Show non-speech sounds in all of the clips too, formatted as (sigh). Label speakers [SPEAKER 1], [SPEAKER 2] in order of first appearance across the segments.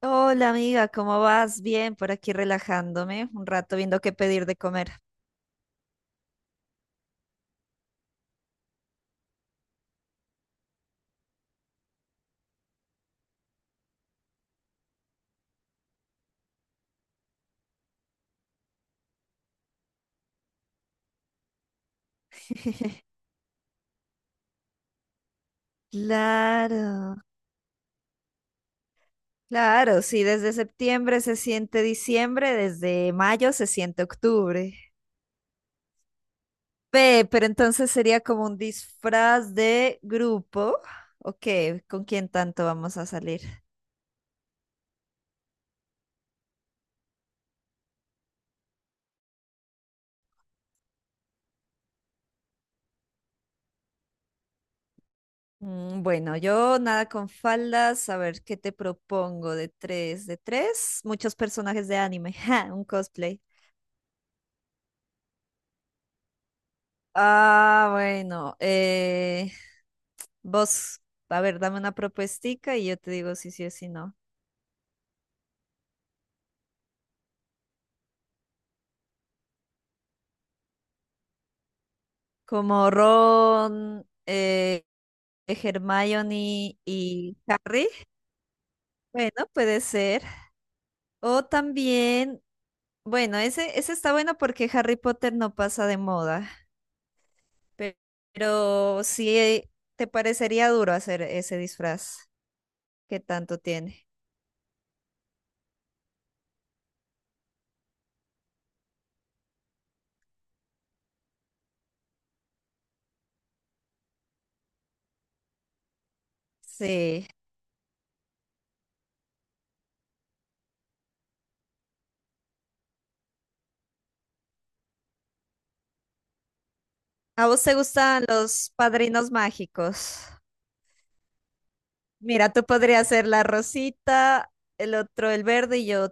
[SPEAKER 1] Hola amiga, ¿cómo vas? Bien, por aquí relajándome, un rato viendo qué pedir de comer. Claro, claro, sí, desde septiembre se siente diciembre, desde mayo se siente octubre. Ve, pero entonces sería como un disfraz de grupo. ¿O qué? ¿Con quién tanto vamos a salir? Bueno, yo nada con faldas. A ver, ¿qué te propongo? De tres, muchos personajes de anime. (laughs) Ja, un cosplay. Ah, bueno. Vos, a ver, dame una propuestica y yo te digo si sí o si no. Como Ron, Hermione y Harry. Bueno, puede ser. O también, bueno, ese está bueno porque Harry Potter no pasa de moda. pe- Pero, sí te parecería duro hacer ese disfraz que tanto tiene. Sí. ¿A vos te gustan los padrinos mágicos? Mira, tú podrías ser la rosita, el otro el verde y yo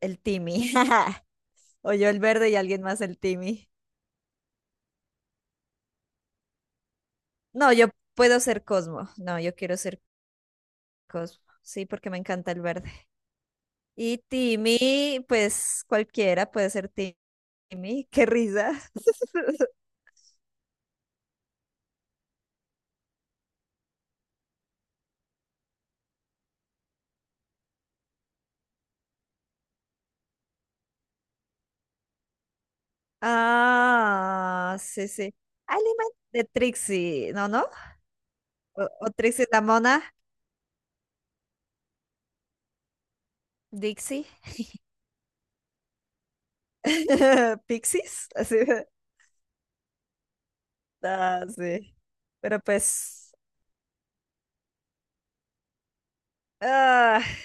[SPEAKER 1] el Timmy. (laughs) O yo el verde y alguien más el Timmy. No, yo puedo ser Cosmo. No, yo quiero ser Cosmo. Sí, porque me encanta el verde. Y Timmy, pues cualquiera puede ser Timmy. Qué risa. (laughs) Ah, sí, sí. Alemán de Trixie, ¿no, no? O Trixie la mona, Dixie, (laughs) Pixies, así. Ah, sí. Pero pues, ah,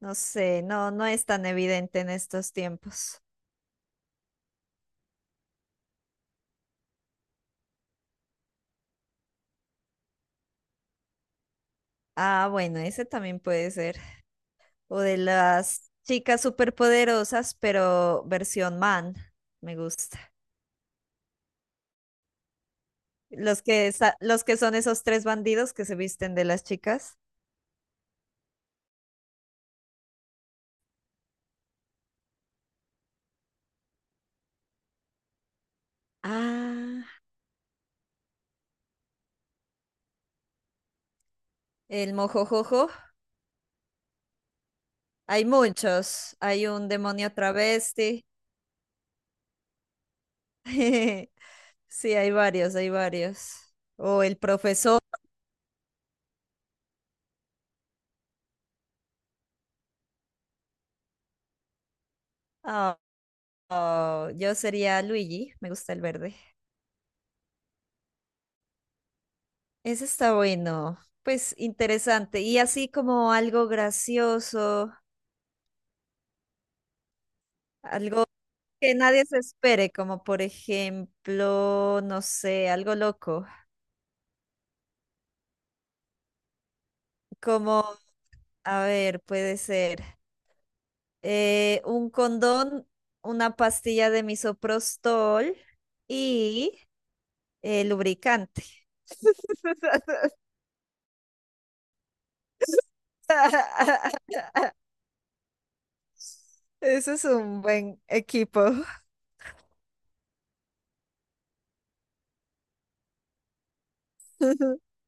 [SPEAKER 1] no sé, no, no es tan evidente en estos tiempos. Ah, bueno, ese también puede ser. O de las chicas superpoderosas, pero versión man, me gusta. Los que, los que son esos tres bandidos que se visten de las chicas. Ah, el mojojojo. Hay muchos. Hay un demonio travesti. (laughs) Sí, hay varios, hay varios. O el profesor. Ah, oh, yo sería Luigi, me gusta el verde. Ese está bueno, pues interesante. Y así como algo gracioso, algo que nadie se espere, como por ejemplo, no sé, algo loco. Como, a ver, puede ser un condón, una pastilla de misoprostol y lubricante. (laughs) Eso es un buen equipo. (laughs)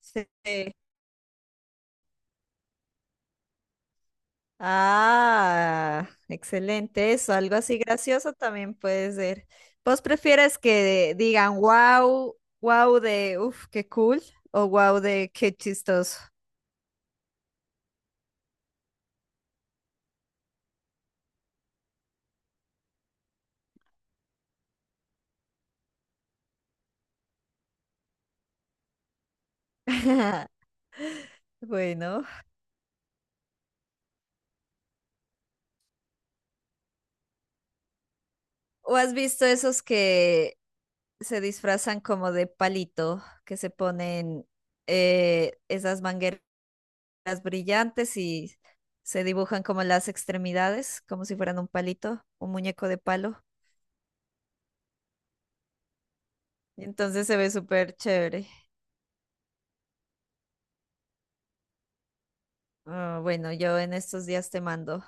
[SPEAKER 1] Sí. Ah, excelente eso. Algo así gracioso también puede ser. ¿Vos prefieres que digan wow, wow de uff, qué cool o wow de qué chistoso? (laughs) Bueno. ¿O has visto esos que se disfrazan como de palito, que se ponen esas mangueras brillantes y se dibujan como las extremidades, como si fueran un palito, un muñeco de palo? Entonces se ve súper chévere. Ah, bueno, yo en estos días te mando.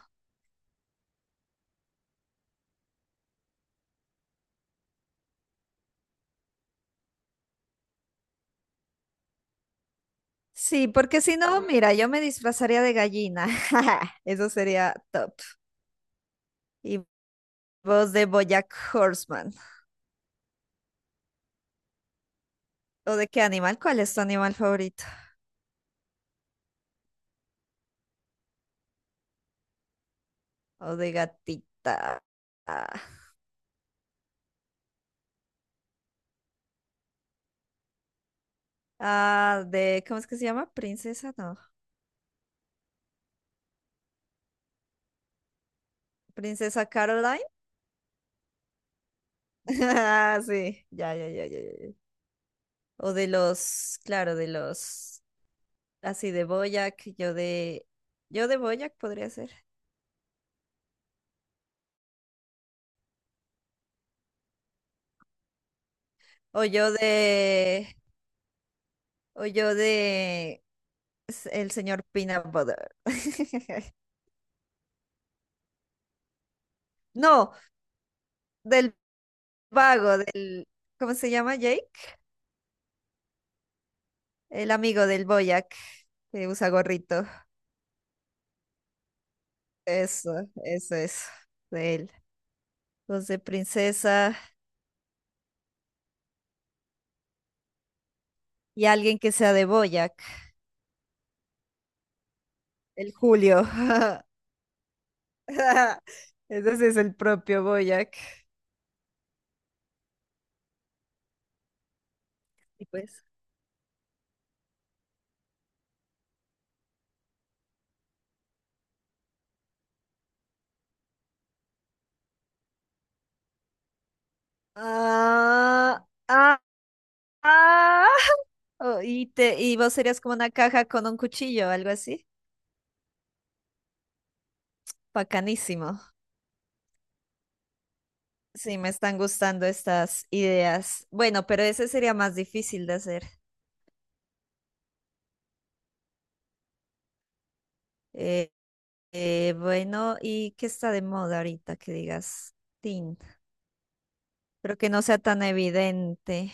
[SPEAKER 1] Sí, porque si no, mira, yo me disfrazaría de gallina. (laughs) Eso sería top. Y vos de BoJack Horseman. ¿O de qué animal? ¿Cuál es tu animal favorito? ¿O de gatita? Ah, ah, de, ¿cómo es que se llama? Princesa, no. Princesa Caroline. (laughs) Ah, sí, ya, ya, ya, ya, ya, ya. O de los, claro, de los, así de BoJack, yo de BoJack podría ser. O yo de... O yo de el señor Peanut Butter. (laughs) No, del vago, del... ¿Cómo se llama Jake? El amigo del Boyac que usa gorrito. Eso es de él. Los de princesa y alguien que sea de Boyac. El Julio. (laughs) Ese sí es el propio Boyac. Y pues... Ah, ah, ah. Oh, y vos serías como una caja con un cuchillo, algo así. Bacanísimo. Sí, me están gustando estas ideas. Bueno, pero ese sería más difícil de hacer. Eh, bueno, ¿y qué está de moda ahorita que digas? Tin, pero que no sea tan evidente.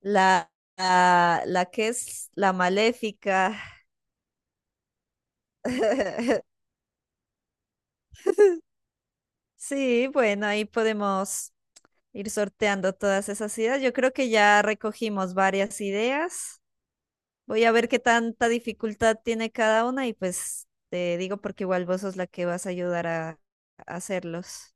[SPEAKER 1] La, la que es la maléfica. (laughs) Sí, bueno, ahí podemos ir sorteando todas esas ideas. Yo creo que ya recogimos varias ideas. Voy a ver qué tanta dificultad tiene cada una y pues te digo porque igual vos sos la que vas a ayudar a hacerlos.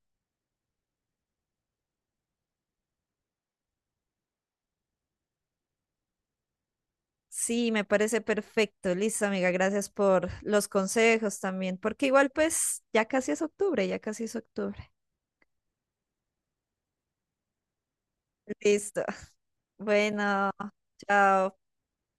[SPEAKER 1] Sí, me parece perfecto. Listo, amiga, gracias por los consejos también, porque igual pues ya casi es octubre, ya casi es octubre. Listo. Bueno, chao.